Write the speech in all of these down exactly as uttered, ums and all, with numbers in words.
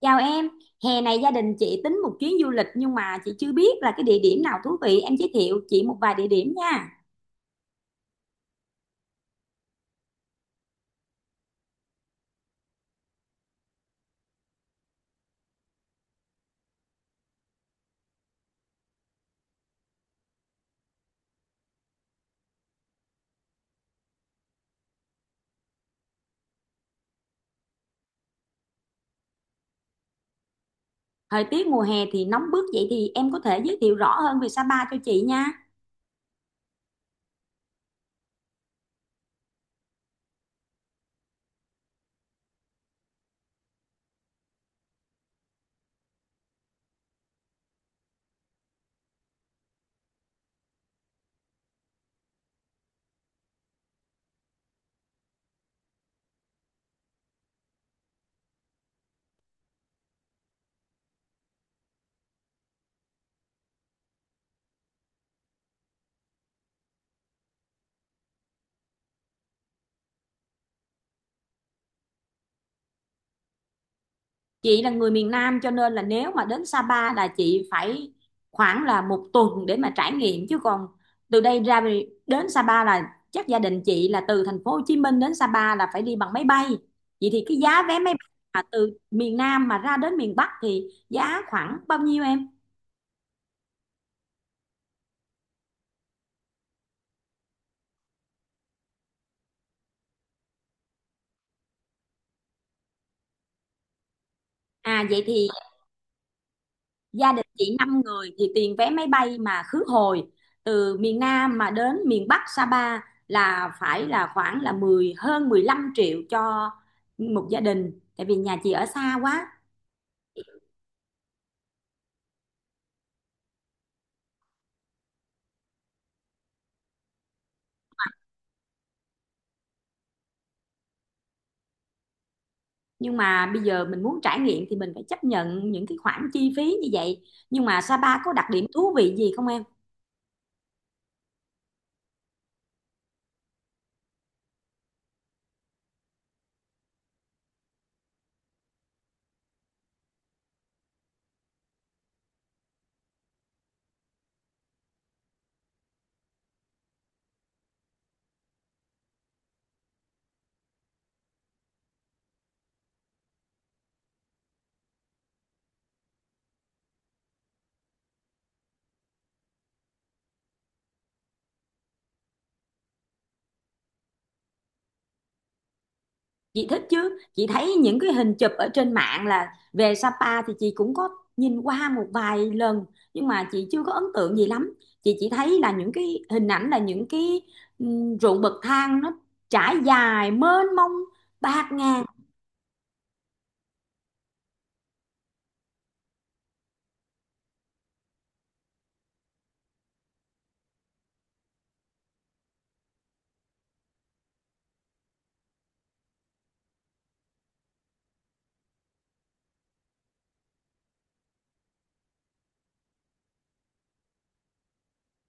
Chào em, hè này gia đình chị tính một chuyến du lịch, nhưng mà chị chưa biết là cái địa điểm nào thú vị, em giới thiệu chị một vài địa điểm nha. Thời tiết mùa hè thì nóng bức, vậy thì em có thể giới thiệu rõ hơn về Sapa cho chị nha. Chị là người miền Nam cho nên là nếu mà đến Sapa là chị phải khoảng là một tuần để mà trải nghiệm, chứ còn từ đây ra về- đến Sapa là chắc gia đình chị là từ thành phố Hồ Chí Minh đến Sapa là phải đi bằng máy bay. Vậy thì cái giá vé máy bay mà từ miền Nam mà ra đến miền Bắc thì giá khoảng bao nhiêu em? À, vậy thì gia đình chị năm người thì tiền vé máy bay mà khứ hồi từ miền Nam mà đến miền Bắc Sapa là phải là khoảng là mười hơn mười lăm triệu cho một gia đình, tại vì nhà chị ở xa quá, nhưng mà bây giờ mình muốn trải nghiệm thì mình phải chấp nhận những cái khoản chi phí như vậy. Nhưng mà Sapa có đặc điểm thú vị gì không em? Chị thích chứ, chị thấy những cái hình chụp ở trên mạng là về Sapa thì chị cũng có nhìn qua một vài lần, nhưng mà chị chưa có ấn tượng gì lắm. Chị chỉ thấy là những cái hình ảnh là những cái ừm, ruộng bậc thang nó trải dài mênh mông, bạt ngàn.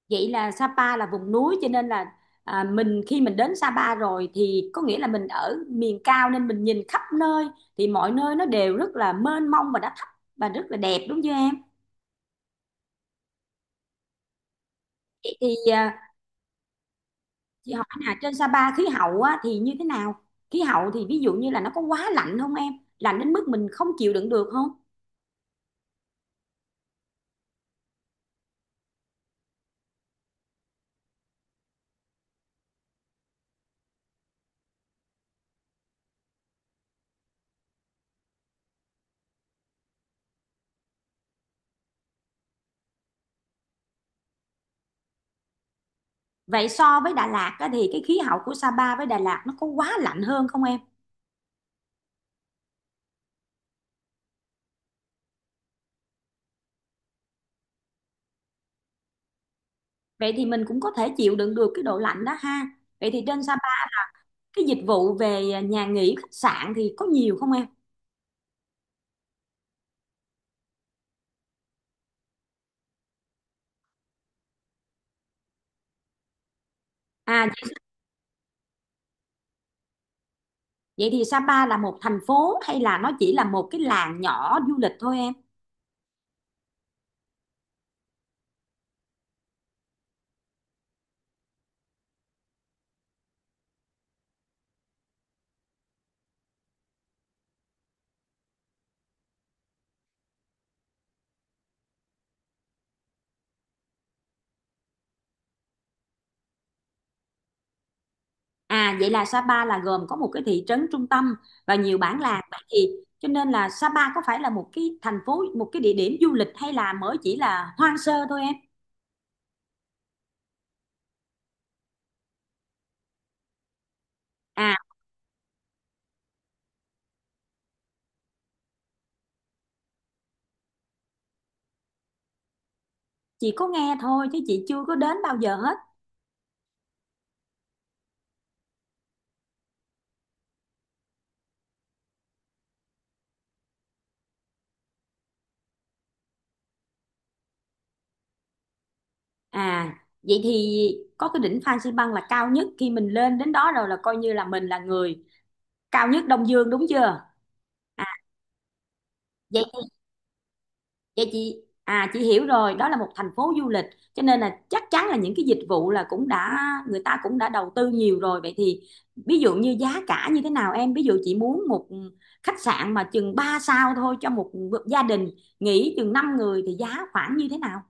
Vậy là Sapa là vùng núi, cho nên là à, mình khi mình đến Sapa rồi thì có nghĩa là mình ở miền cao, nên mình nhìn khắp nơi thì mọi nơi nó đều rất là mênh mông và đã thấp và rất là đẹp, đúng chưa em? Vậy thì à, chị hỏi là trên Sapa khí hậu á, thì như thế nào? Khí hậu thì ví dụ như là nó có quá lạnh không em? Lạnh đến mức mình không chịu đựng được không? Vậy so với Đà Lạt á, thì cái khí hậu của Sapa với Đà Lạt nó có quá lạnh hơn không em? Vậy thì mình cũng có thể chịu đựng được cái độ lạnh đó ha. Vậy thì trên Sapa cái dịch vụ về nhà nghỉ khách sạn thì có nhiều không em? À, vậy thì Sapa là một thành phố hay là nó chỉ là một cái làng nhỏ du lịch thôi em? À, vậy là Sapa là gồm có một cái thị trấn trung tâm và nhiều bản làng, vậy thì cho nên là Sapa có phải là một cái thành phố, một cái địa điểm du lịch, hay là mới chỉ là hoang sơ thôi em? À, chị có nghe thôi chứ chị chưa có đến bao giờ hết. À, vậy thì có cái đỉnh Phan Xi Păng là cao nhất, khi mình lên đến đó rồi là coi như là mình là người cao nhất Đông Dương, đúng chưa? À, vậy. Vậy chị à chị hiểu rồi, đó là một thành phố du lịch, cho nên là chắc chắn là những cái dịch vụ là cũng đã, người ta cũng đã đầu tư nhiều rồi. Vậy thì ví dụ như giá cả như thế nào em? Ví dụ chị muốn một khách sạn mà chừng ba sao thôi cho một gia đình nghỉ chừng năm người thì giá khoảng như thế nào?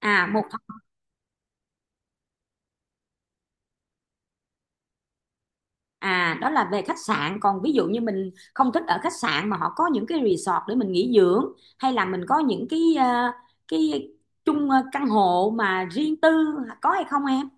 À một th- à Đó là về khách sạn, còn ví dụ như mình không thích ở khách sạn mà họ có những cái resort để mình nghỉ dưỡng, hay là mình có những cái ờ, cái chung ờ, căn hộ mà riêng tư, có hay không em?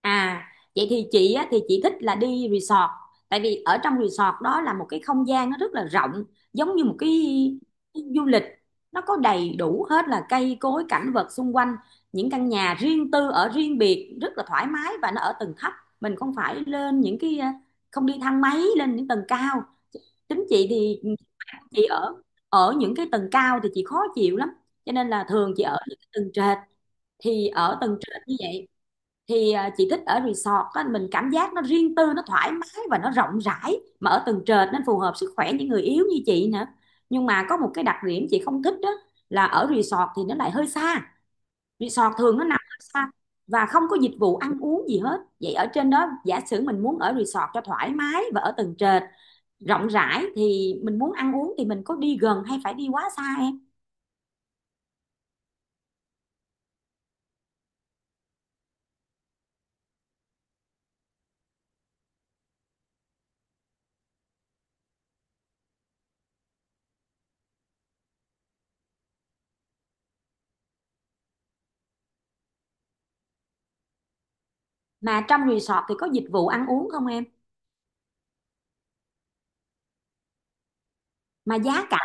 À, vậy thì chị á, thì chị thích là đi resort, tại vì ở trong resort đó là một cái không gian nó rất là rộng, giống như một cái du lịch, nó có đầy đủ hết là cây cối cảnh vật xung quanh, những căn nhà riêng tư ở riêng biệt rất là thoải mái, và nó ở tầng thấp, mình không phải lên những cái à, không đi thang máy lên những tầng cao. Tính chị thì chị ở ở những cái tầng cao thì chị khó chịu lắm, cho nên là thường chị ở những cái tầng trệt. Thì ở tầng trệt như vậy, thì à, chị thích ở resort á, mình cảm giác nó riêng tư nó thoải mái và nó rộng rãi mà ở tầng trệt, nên phù hợp sức khỏe những người yếu như chị nữa. Nhưng mà có một cái đặc điểm chị không thích, đó là ở resort thì nó lại hơi xa, resort thường nó nằm hơi xa và không có dịch vụ ăn uống gì hết. Vậy ở trên đó, giả sử mình muốn ở resort cho thoải mái và ở tầng trệt rộng rãi, thì mình muốn ăn uống thì mình có đi gần hay phải đi quá xa em? Mà trong resort thì có dịch vụ ăn uống không em? Mà giá cả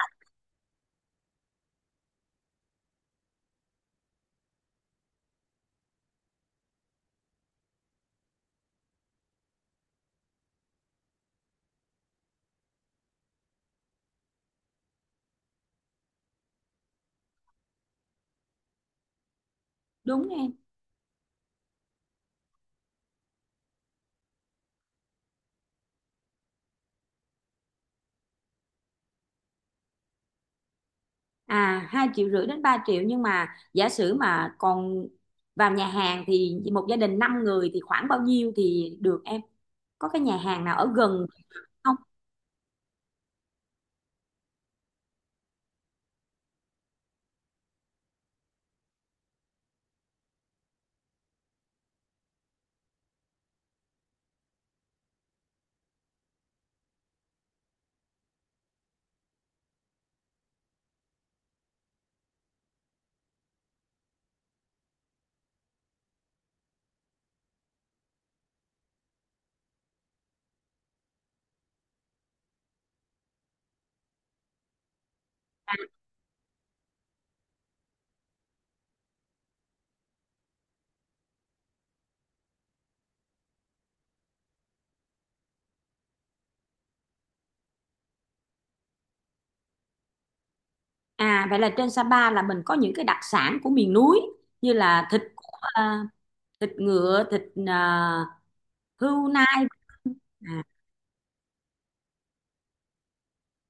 đúng em. À, hai triệu rưỡi đến ba triệu, nhưng mà giả sử mà còn vào nhà hàng thì một gia đình năm người thì khoảng bao nhiêu thì được em? Có cái nhà hàng nào ở gần không? À, vậy là trên Sapa là mình có những cái đặc sản của miền núi, như là thịt của, à, thịt ngựa, thịt à, hươu nai. À,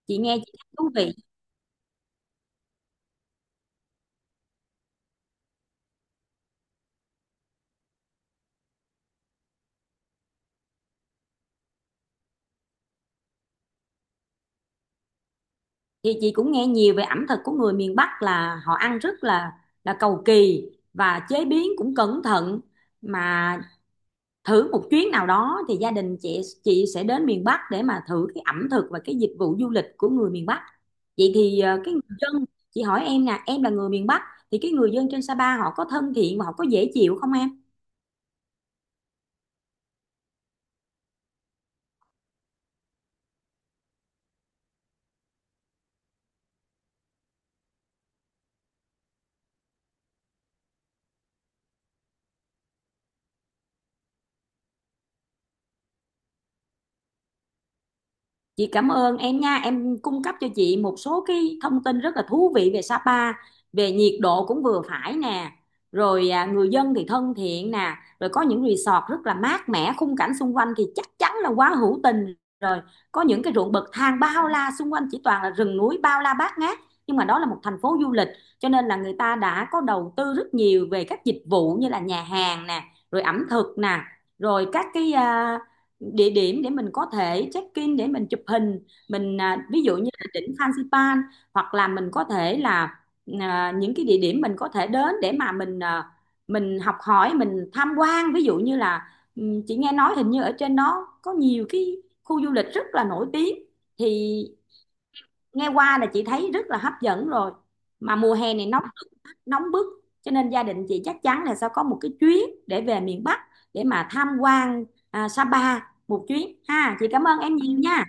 chị nghe chị thấy thú vị. Thì chị cũng nghe nhiều về ẩm thực của người miền Bắc là họ ăn rất là là cầu kỳ và chế biến cũng cẩn thận, mà thử một chuyến nào đó thì gia đình chị chị sẽ đến miền Bắc để mà thử cái ẩm thực và cái dịch vụ du lịch của người miền Bắc. Vậy thì ờ, cái người dân, chị hỏi em nè, em là người miền Bắc thì cái người dân trên Sapa họ có thân thiện và họ có dễ chịu không em? Chị cảm ơn em nha, em cung cấp cho chị một số cái thông tin rất là thú vị về Sapa, về nhiệt độ cũng vừa phải nè, rồi à, người dân thì thân thiện nè, rồi có những resort rất là mát mẻ, khung cảnh xung quanh thì chắc chắn là quá hữu tình rồi. Có những cái ruộng bậc thang bao la xung quanh, chỉ toàn là rừng núi bao la bát ngát, nhưng mà đó là một thành phố du lịch, cho nên là người ta đã có đầu tư rất nhiều về các dịch vụ như là nhà hàng nè, rồi ẩm thực nè, rồi các cái à, địa điểm để mình có thể check in để mình chụp hình, mình à, ví dụ như là đỉnh Phan Xipang, hoặc là mình có thể là à, những cái địa điểm mình có thể đến để mà mình à, mình học hỏi, mình tham quan, ví dụ như là ừm, chị nghe nói hình như ở trên đó có nhiều cái khu du lịch rất là nổi tiếng, thì nghe qua là chị thấy rất là hấp dẫn rồi. Mà mùa hè này nóng nóng bức, cho nên gia đình chị chắc chắn là sẽ có một cái chuyến để về miền Bắc để mà tham quan à, Sapa một chuyến ha. Chị cảm ơn em nhiều nha.